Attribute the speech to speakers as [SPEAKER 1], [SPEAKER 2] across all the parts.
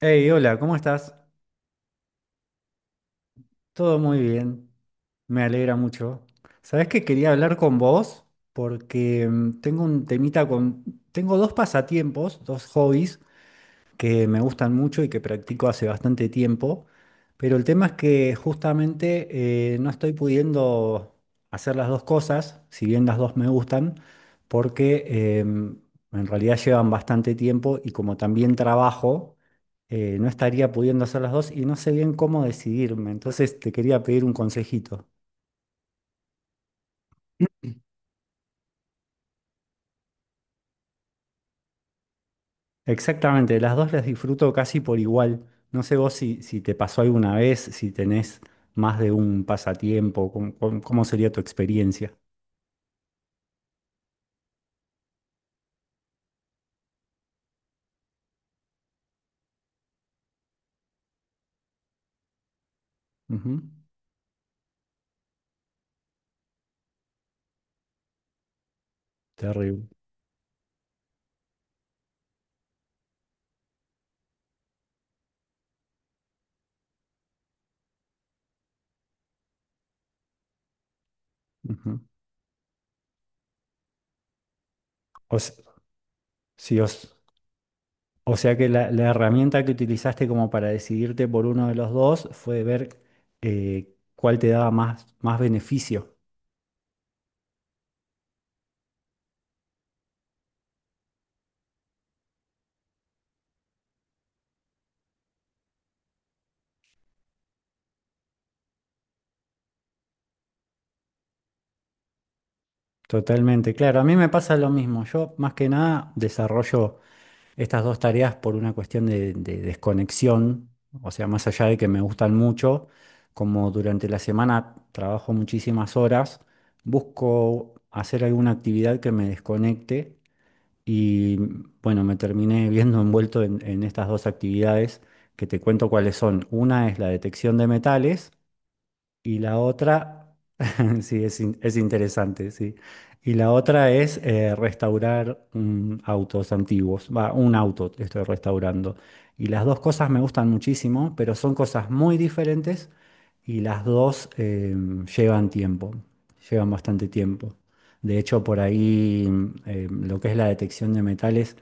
[SPEAKER 1] Hey, hola, ¿cómo estás? Todo muy bien, me alegra mucho. Sabés que quería hablar con vos porque tengo un temita con... Tengo dos pasatiempos, dos hobbies que me gustan mucho y que practico hace bastante tiempo, pero el tema es que justamente no estoy pudiendo hacer las dos cosas, si bien las dos me gustan, porque en realidad llevan bastante tiempo y como también trabajo, no estaría pudiendo hacer las dos y no sé bien cómo decidirme, entonces te quería pedir un consejito. Exactamente, las dos las disfruto casi por igual. No sé vos si te pasó alguna vez, si tenés más de un pasatiempo, cómo sería tu experiencia. Ujú. Terrible. Ujú. O, s- sí, o sea que la herramienta que utilizaste como para decidirte por uno de los dos fue ver cuál te daba más beneficio. Totalmente, claro. A mí me pasa lo mismo. Yo más que nada desarrollo estas dos tareas por una cuestión de desconexión, o sea, más allá de que me gustan mucho, como durante la semana trabajo muchísimas horas, busco hacer alguna actividad que me desconecte y bueno, me terminé viendo envuelto en estas dos actividades que te cuento cuáles son. Una es la detección de metales y la otra, sí, es interesante, sí. Y la otra es restaurar autos antiguos. Va, un auto estoy restaurando. Y las dos cosas me gustan muchísimo, pero son cosas muy diferentes y las dos llevan tiempo, llevan bastante tiempo. De hecho, por ahí lo que es la detección de metales,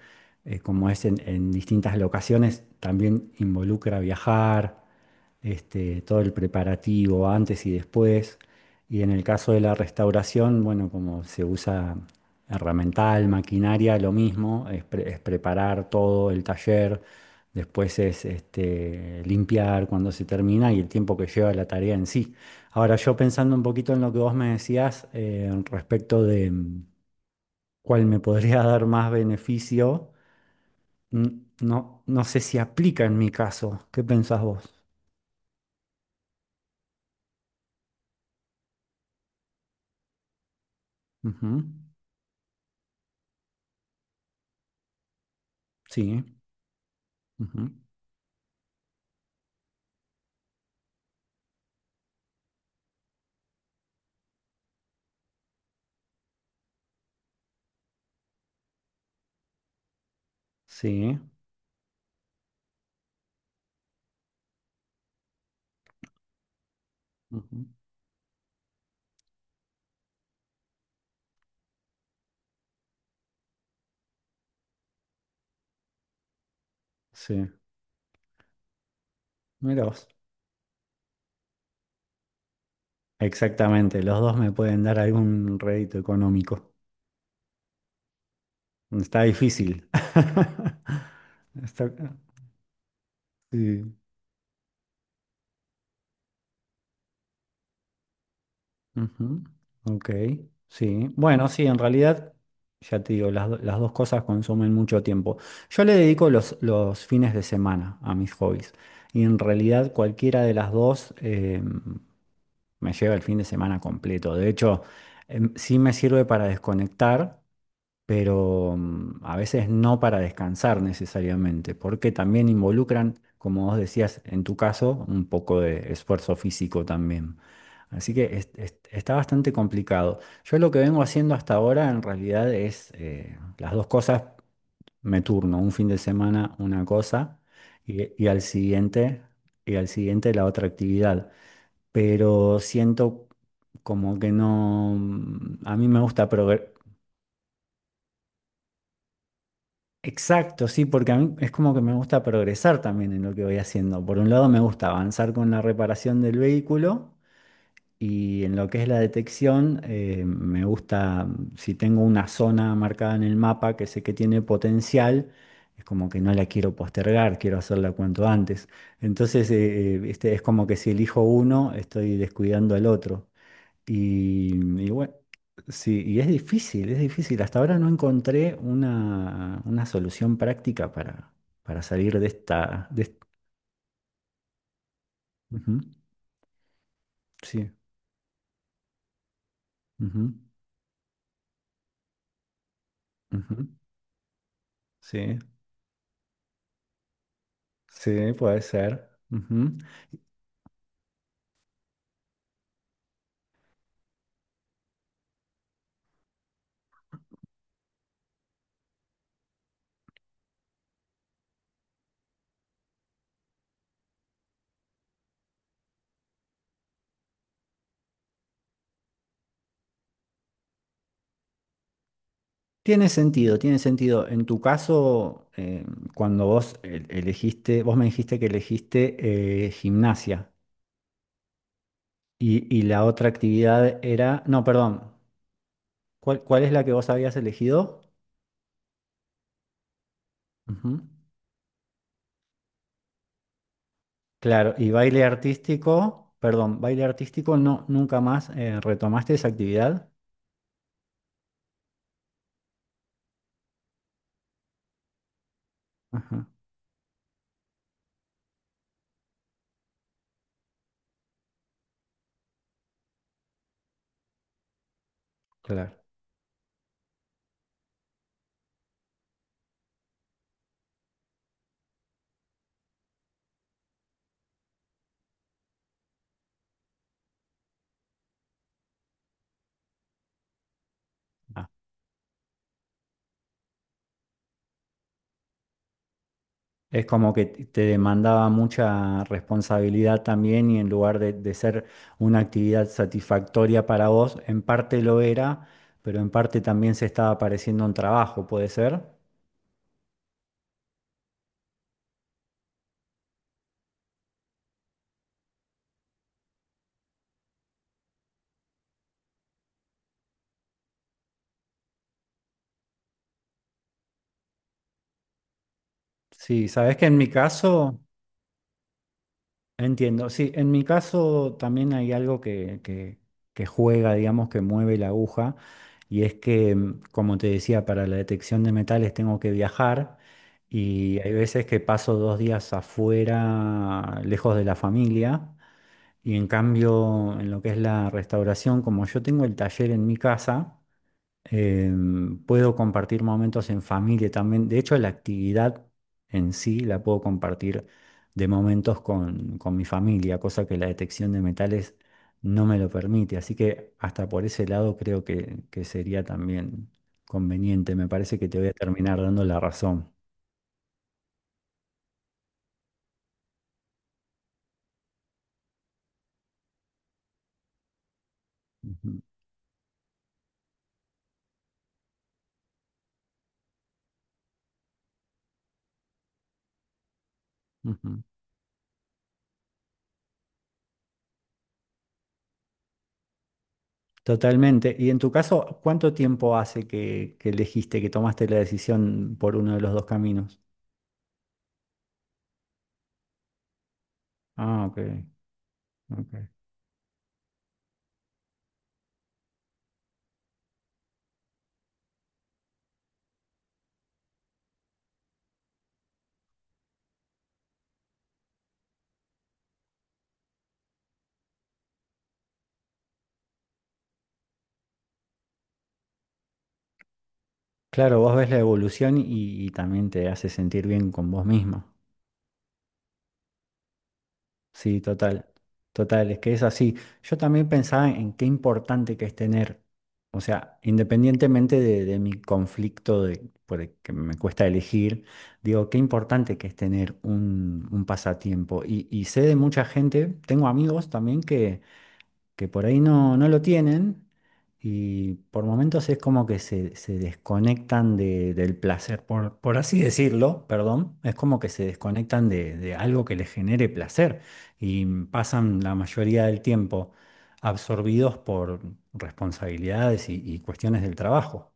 [SPEAKER 1] como es en distintas locaciones, también involucra viajar este, todo el preparativo antes y después. Y en el caso de la restauración, bueno, como se usa herramental, maquinaria, lo mismo, es preparar todo el taller, después es este, limpiar cuando se termina y el tiempo que lleva la tarea en sí. Ahora yo pensando un poquito en lo que vos me decías respecto de cuál me podría dar más beneficio, mm, no sé si aplica en mi caso. ¿Qué pensás vos? Ujú. Sí. Ujú. Sí, ujú. Sí, mira vos. Exactamente, los dos me pueden dar algún rédito económico. Está difícil. Está- sí. Ujú. Ok, sí. Bueno, sí, en realidad, ya te digo, las dos cosas consumen mucho tiempo. Yo le dedico los fines de semana a mis hobbies y en realidad cualquiera de las dos me lleva el fin de semana completo. De hecho, em, sí me sirve para desconectar. Pero a veces no para descansar necesariamente, porque también involucran, como vos decías, en tu caso, un poco de esfuerzo físico también. Así que está bastante complicado. Yo lo que vengo haciendo hasta ahora en realidad es las dos cosas, me turno, un fin de semana una cosa y, y al siguiente, y al siguiente la otra actividad. Pero siento como que no, mm, a mí me gusta. Exacto, sí, porque a mí es como que me gusta progresar también en lo que voy haciendo. Por un lado me gusta avanzar con la reparación del vehículo y en lo que es la detección me gusta, si tengo una zona marcada en el mapa que sé que tiene potencial, es como que no la quiero postergar, quiero hacerla cuanto antes. Entonces este, es como que si elijo uno, estoy descuidando al otro. Y, y bueno, sí, y es difícil, es difícil. Hasta ahora no encontré una solución práctica para salir de esta... Ujú, sí, ujú, ujú, sí, sí, puede ser. Ujú. Tiene sentido, tiene sentido. En tu caso, cuando vos elegiste, vos me dijiste que elegiste gimnasia y la otra actividad era, no, perdón, ¿cuál es la que vos habías elegido? Ujú. Claro, y baile artístico, perdón, baile artístico no, nunca más retomaste esa actividad. Ajá, claro. Ah. Es como que te demandaba mucha responsabilidad también y en lugar de ser una actividad satisfactoria para vos, en parte lo era, pero en parte también se estaba pareciendo un trabajo, ¿puede ser? Sí, sabes que en mi caso... Entiendo, sí, en mi caso también hay algo que juega, digamos, que mueve la aguja, y es que, mm, como te decía, para la detección de metales tengo que viajar y hay veces que paso dos días afuera, lejos de la familia, y en cambio, en lo que es la restauración, como yo tengo el taller en mi casa, em, puedo compartir momentos en familia también. De hecho, la actividad en sí la puedo compartir de momentos con mi familia, cosa que la detección de metales no me lo permite. Así que hasta por ese lado creo que sería también conveniente. Me parece que te voy a terminar dando la razón. Ujú, ujú. Totalmente. Y en tu caso, ¿cuánto tiempo hace que elegiste, que tomaste la decisión por uno de los dos caminos? Ah, ok. Ok. Claro, vos ves la evolución y también te hace sentir bien con vos mismo. Sí, total, total, es que es así. Yo también pensaba en qué importante que es tener, o sea, independientemente de mi conflicto de, por el que me cuesta elegir, digo, qué importante que es tener un pasatiempo. Y sé de mucha gente, tengo amigos también que por ahí no lo tienen y por momentos es como que se desconectan de- del placer, por así decirlo, perdón, es como que se desconectan de algo que les genere placer y pasan la mayoría del tiempo absorbidos por responsabilidades y cuestiones del trabajo.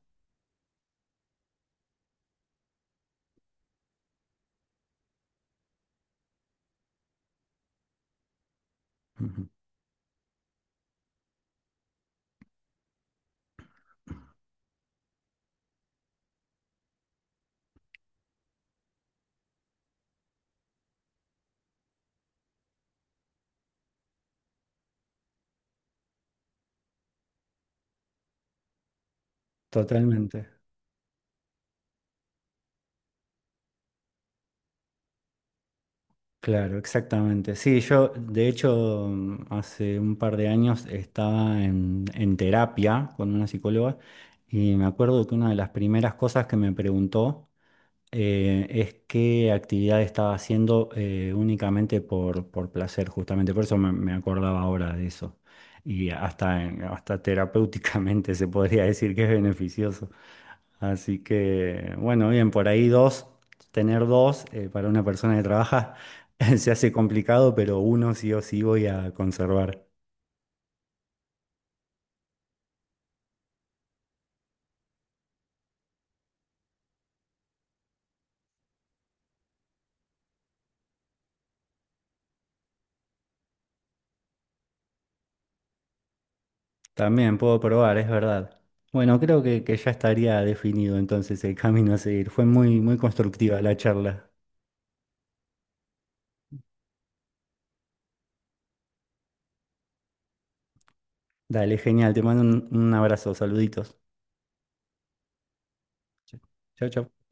[SPEAKER 1] Ujú. Totalmente. Claro, exactamente. Sí, yo de hecho hace un par de años estaba en terapia con una psicóloga y me acuerdo que una de las primeras cosas que me preguntó es qué actividad estaba haciendo únicamente por placer, justamente. Por eso me acordaba ahora de eso. Y hasta, hasta terapéuticamente se podría decir que es beneficioso. Así que, bueno, bien, por ahí dos, tener dos para una persona que trabaja se hace complicado, pero uno sí o sí voy a conservar. También puedo probar, es verdad. Bueno, creo que ya estaría definido entonces el camino a seguir. Fue muy, muy constructiva la charla. Dale, genial, te mando un abrazo, saluditos. Chao, chao.